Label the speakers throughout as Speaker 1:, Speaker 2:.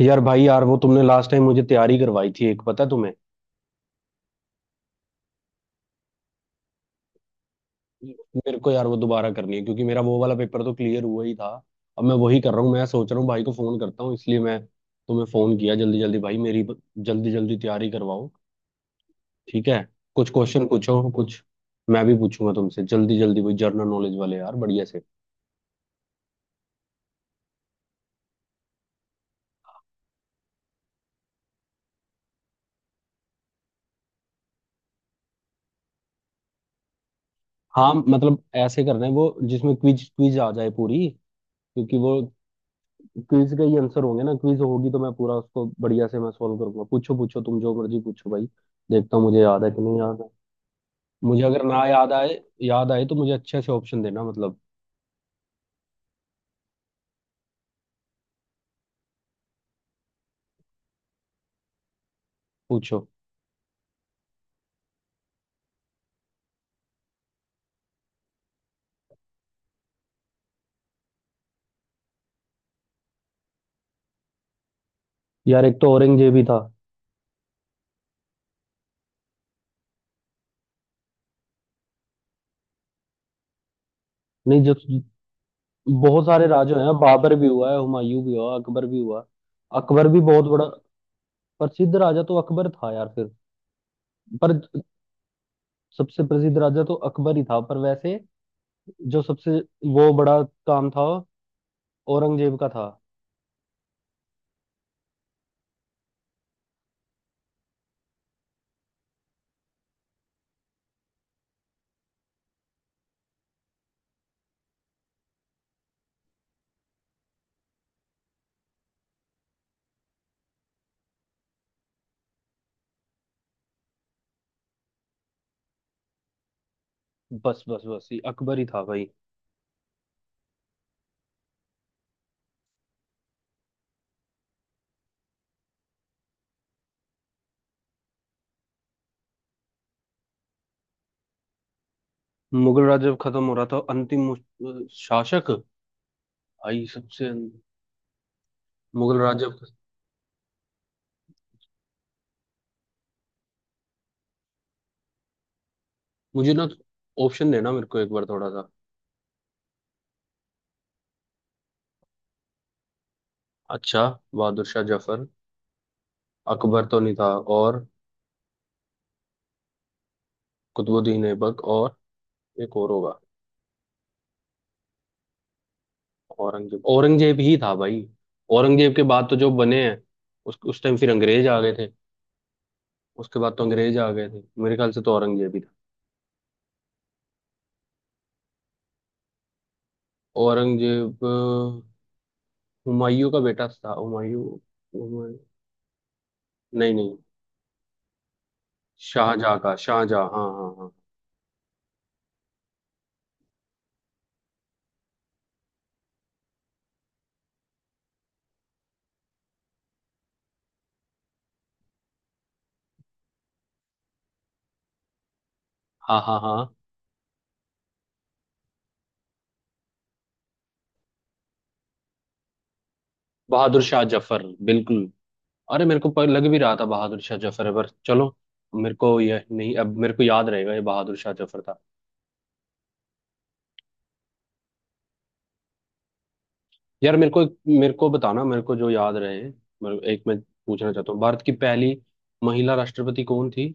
Speaker 1: यार भाई यार वो तुमने लास्ट टाइम मुझे तैयारी करवाई थी एक पता है तुम्हें। मेरे को यार वो दोबारा करनी है क्योंकि मेरा वो वाला पेपर तो क्लियर हुआ ही था। अब मैं वही कर रहा हूँ। मैं सोच रहा हूँ भाई को फोन करता हूँ इसलिए मैं तुम्हें फोन किया। जल्दी जल्दी भाई मेरी जल्दी जल्दी तैयारी करवाओ। ठीक है कुछ क्वेश्चन पूछो। कुछ मैं भी पूछूंगा तुमसे। जल्दी जल्दी वही जर्नल नॉलेज वाले यार बढ़िया से। हाँ मतलब ऐसे करना है वो जिसमें क्विज क्विज आ जाए पूरी। क्योंकि वो क्विज का ही आंसर होंगे ना। क्विज होगी तो मैं पूरा उसको बढ़िया से मैं सॉल्व करूंगा। पूछो पूछो तुम जो मर्जी पूछो भाई। देखता हूँ मुझे याद है कि नहीं याद है। मुझे अगर ना याद आए, याद आए तो मुझे अच्छे से ऑप्शन देना मतलब। पूछो। यार एक तो औरंगजेब ही था। नहीं, जो बहुत सारे राजा हैं, बाबर भी हुआ है, हुमायूं भी हुआ, अकबर भी हुआ। अकबर भी बहुत बड़ा प्रसिद्ध राजा तो अकबर था यार फिर। पर सबसे प्रसिद्ध राजा तो अकबर ही था, पर वैसे जो सबसे वो बड़ा काम था औरंगजेब का था। बस बस बस ये अकबर ही था भाई। मुगल राज जब खत्म हो रहा था, अंतिम शासक। भाई सबसे मुगल राज, हाँ जब मुझे ना ऑप्शन देना मेरे को एक बार थोड़ा सा। अच्छा, बहादुर शाह जफर। अकबर तो नहीं था। और कुतुबुद्दीन ऐबक। और एक और होगा। औरंगजेब, औरंगजेब ही था भाई। औरंगजेब के बाद तो जो बने हैं उस टाइम फिर अंग्रेज आ गए थे। उसके बाद तो अंग्रेज आ गए थे मेरे ख्याल से, तो औरंगजेब ही था। औरंगजेब हुमायूं का बेटा था, हुमायूं। नहीं नहीं, शाहजहाँ का, शाहजहाँ, हाँ हाँ। हाँ हाँ हाँ हाँ। बहादुर शाह जफर, बिल्कुल। अरे मेरे को पर लग भी रहा था बहादुर शाह जफर है पर चलो। मेरे को यह नहीं, अब मेरे को याद रहेगा, ये बहादुर शाह जफर था। यार मेरे को, मेरे को बताना मेरे को जो याद रहे। एक मैं पूछना चाहता हूँ, भारत की पहली महिला राष्ट्रपति कौन थी?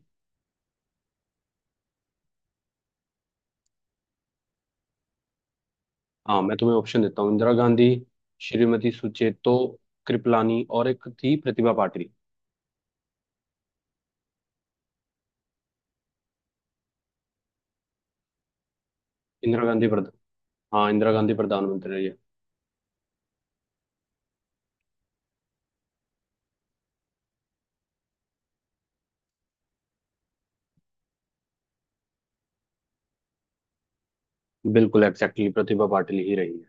Speaker 1: हाँ मैं तुम्हें ऑप्शन देता हूँ। इंदिरा गांधी, श्रीमती सुचेतो कृपलानी, और एक थी प्रतिभा पाटिल। इंदिरा गांधी प्रधान, हाँ इंदिरा गांधी प्रधानमंत्री रही है। बिल्कुल एग्जैक्टली, प्रतिभा पाटिल ही रही है।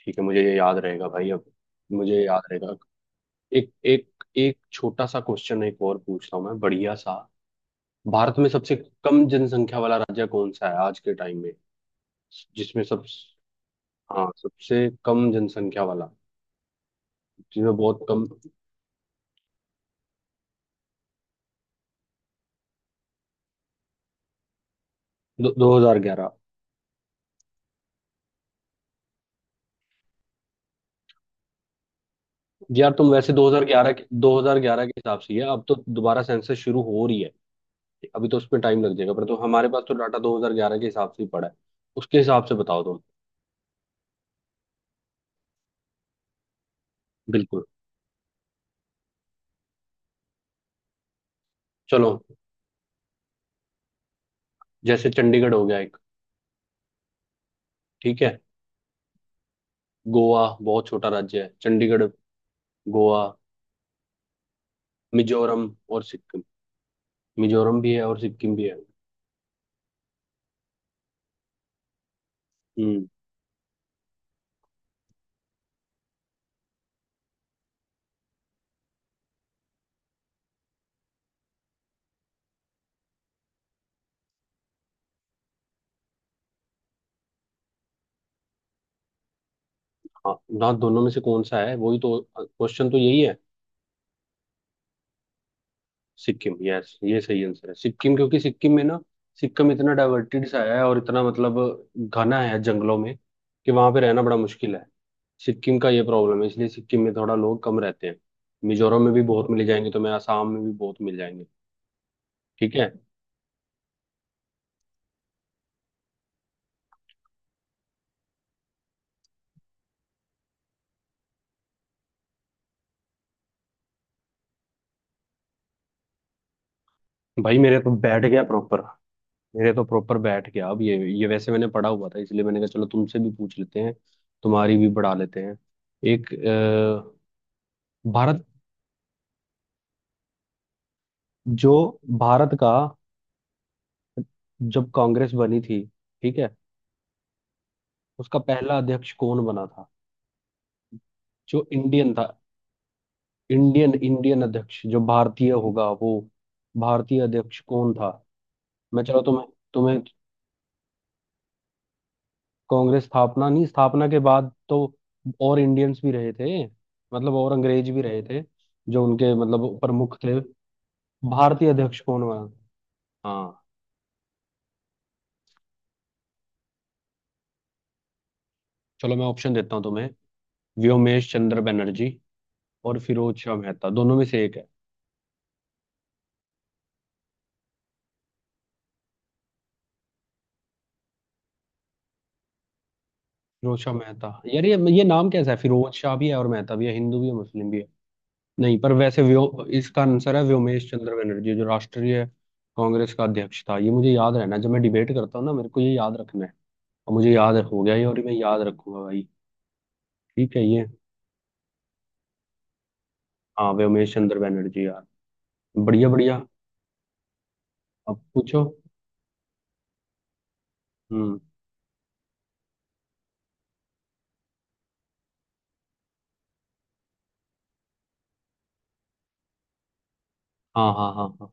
Speaker 1: ठीक है, मुझे ये याद रहेगा भाई अब। मुझे ये याद रहेगा। एक एक एक छोटा सा क्वेश्चन एक और पूछता हूँ मैं, बढ़िया सा। भारत में सबसे कम जनसंख्या वाला राज्य कौन सा है आज के टाइम में, जिसमें सब। हाँ सबसे कम जनसंख्या वाला, जिसमें बहुत कम। दो हजार ग्यारह। यार तुम वैसे 2011 के हिसाब से ही है। अब तो दोबारा सेंसस शुरू हो रही है, अभी तो उसमें टाइम लग जाएगा, पर तो हमारे पास तो डाटा 2011 के हिसाब से ही पड़ा है। उसके हिसाब से बताओ तुम। बिल्कुल। चलो, जैसे चंडीगढ़ हो गया। ठीक है, गोवा बहुत छोटा राज्य है। चंडीगढ़, गोवा, मिजोरम और सिक्किम। मिजोरम भी है और सिक्किम भी है। हम्म। हाँ ना, दोनों में से कौन सा है, वही तो क्वेश्चन, तो यही है। सिक्किम, यस ये सही आंसर है, सिक्किम। क्योंकि सिक्किम में ना, सिक्किम इतना डाइवर्टेड सा है और इतना मतलब घना है जंगलों में कि वहां पे रहना बड़ा मुश्किल है। सिक्किम का ये प्रॉब्लम है, इसलिए सिक्किम में थोड़ा लोग कम रहते हैं। मिजोरम में भी बहुत मिल जाएंगे तुम्हें, आसाम में भी बहुत मिल जाएंगे। ठीक है भाई, मेरे तो बैठ गया प्रॉपर। मेरे तो प्रॉपर बैठ गया। अब ये वैसे मैंने पढ़ा हुआ था इसलिए मैंने कहा चलो तुमसे भी पूछ लेते हैं, तुम्हारी भी बढ़ा लेते हैं। एक भारत, जो भारत का, जब कांग्रेस बनी थी, ठीक है, उसका पहला अध्यक्ष कौन बना था जो इंडियन था? इंडियन इंडियन अध्यक्ष, जो भारतीय होगा वो भारतीय अध्यक्ष कौन था? मैं चलो तुम्हें तुम्हें, कांग्रेस स्थापना नहीं, स्थापना के बाद तो और इंडियंस भी रहे थे, मतलब और अंग्रेज भी रहे थे जो उनके मतलब प्रमुख थे। भारतीय अध्यक्ष कौन हुआ? हाँ चलो मैं ऑप्शन देता हूँ तुम्हें। व्योमेश चंद्र बनर्जी और फिरोज शाह मेहता, दोनों में से एक है। फिरोज शाह मेहता, यार ये नाम कैसा है, फिरोज शाह भी है और मेहता भी है, हिंदू भी है मुस्लिम भी है। नहीं, पर वैसे व्यो, इसका आंसर है व्योमेश चंद्र बनर्जी जो राष्ट्रीय कांग्रेस का अध्यक्ष था। ये मुझे याद रहना, जब मैं डिबेट करता हूँ ना, मेरे को ये याद रखना है, और मुझे याद हो गया ये, और मैं याद रखूंगा भाई। ठीक है ये। हाँ व्योमेश चंद्र बैनर्जी यार, बढ़िया बढ़िया। अब पूछो। हम्म। हाँ हाँ हाँ हाँ।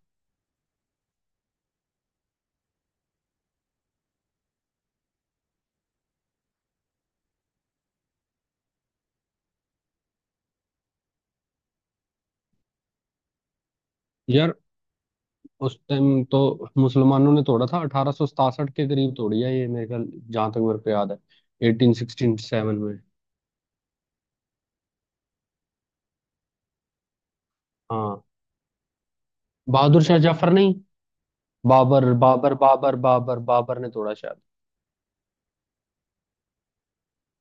Speaker 1: यार उस टाइम तो मुसलमानों ने तोड़ा था, 1867 के करीब तोड़ी है ये मेरे ख्याल, जहाँ तक मेरे को याद है, 1867 में। हाँ। बहादुर शाह जफर नहीं, बाबर बाबर बाबर बाबर बाबर ने तोड़ा शायद।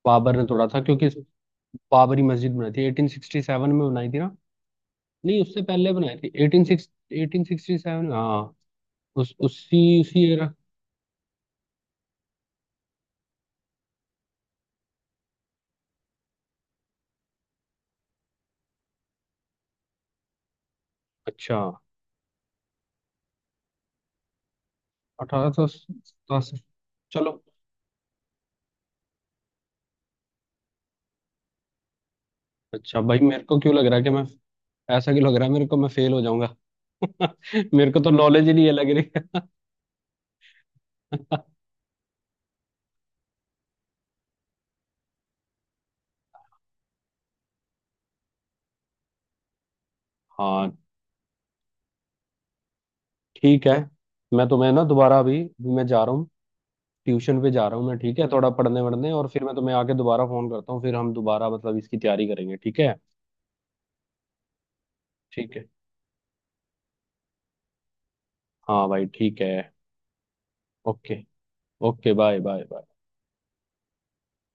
Speaker 1: बाबर ने तोड़ा था क्योंकि बाबरी मस्जिद बनाई थी 1867 में बनाई थी ना। नहीं, उससे पहले बनाई थी, एटीन सिक्स, 1867, हाँ उस उसी उसी एरा। अच्छा, 1887 चलो। अच्छा भाई, मेरे को क्यों लग रहा है कि मैं, ऐसा क्यों लग रहा है मेरे को, मैं फेल हो जाऊंगा। मेरे को तो नॉलेज ही नहीं है लग रही है। हाँ ठीक है। मैं तुम्हें ना दोबारा, अभी अभी मैं जा रहा हूँ, ट्यूशन पे जा रहा हूँ मैं, ठीक है, थोड़ा पढ़ने वढ़ने, और फिर मैं तुम्हें आके दोबारा फोन करता हूँ, फिर हम दोबारा मतलब इसकी तैयारी करेंगे। ठीक है। ठीक है, हाँ भाई ठीक है। ओके। Okay bye bye.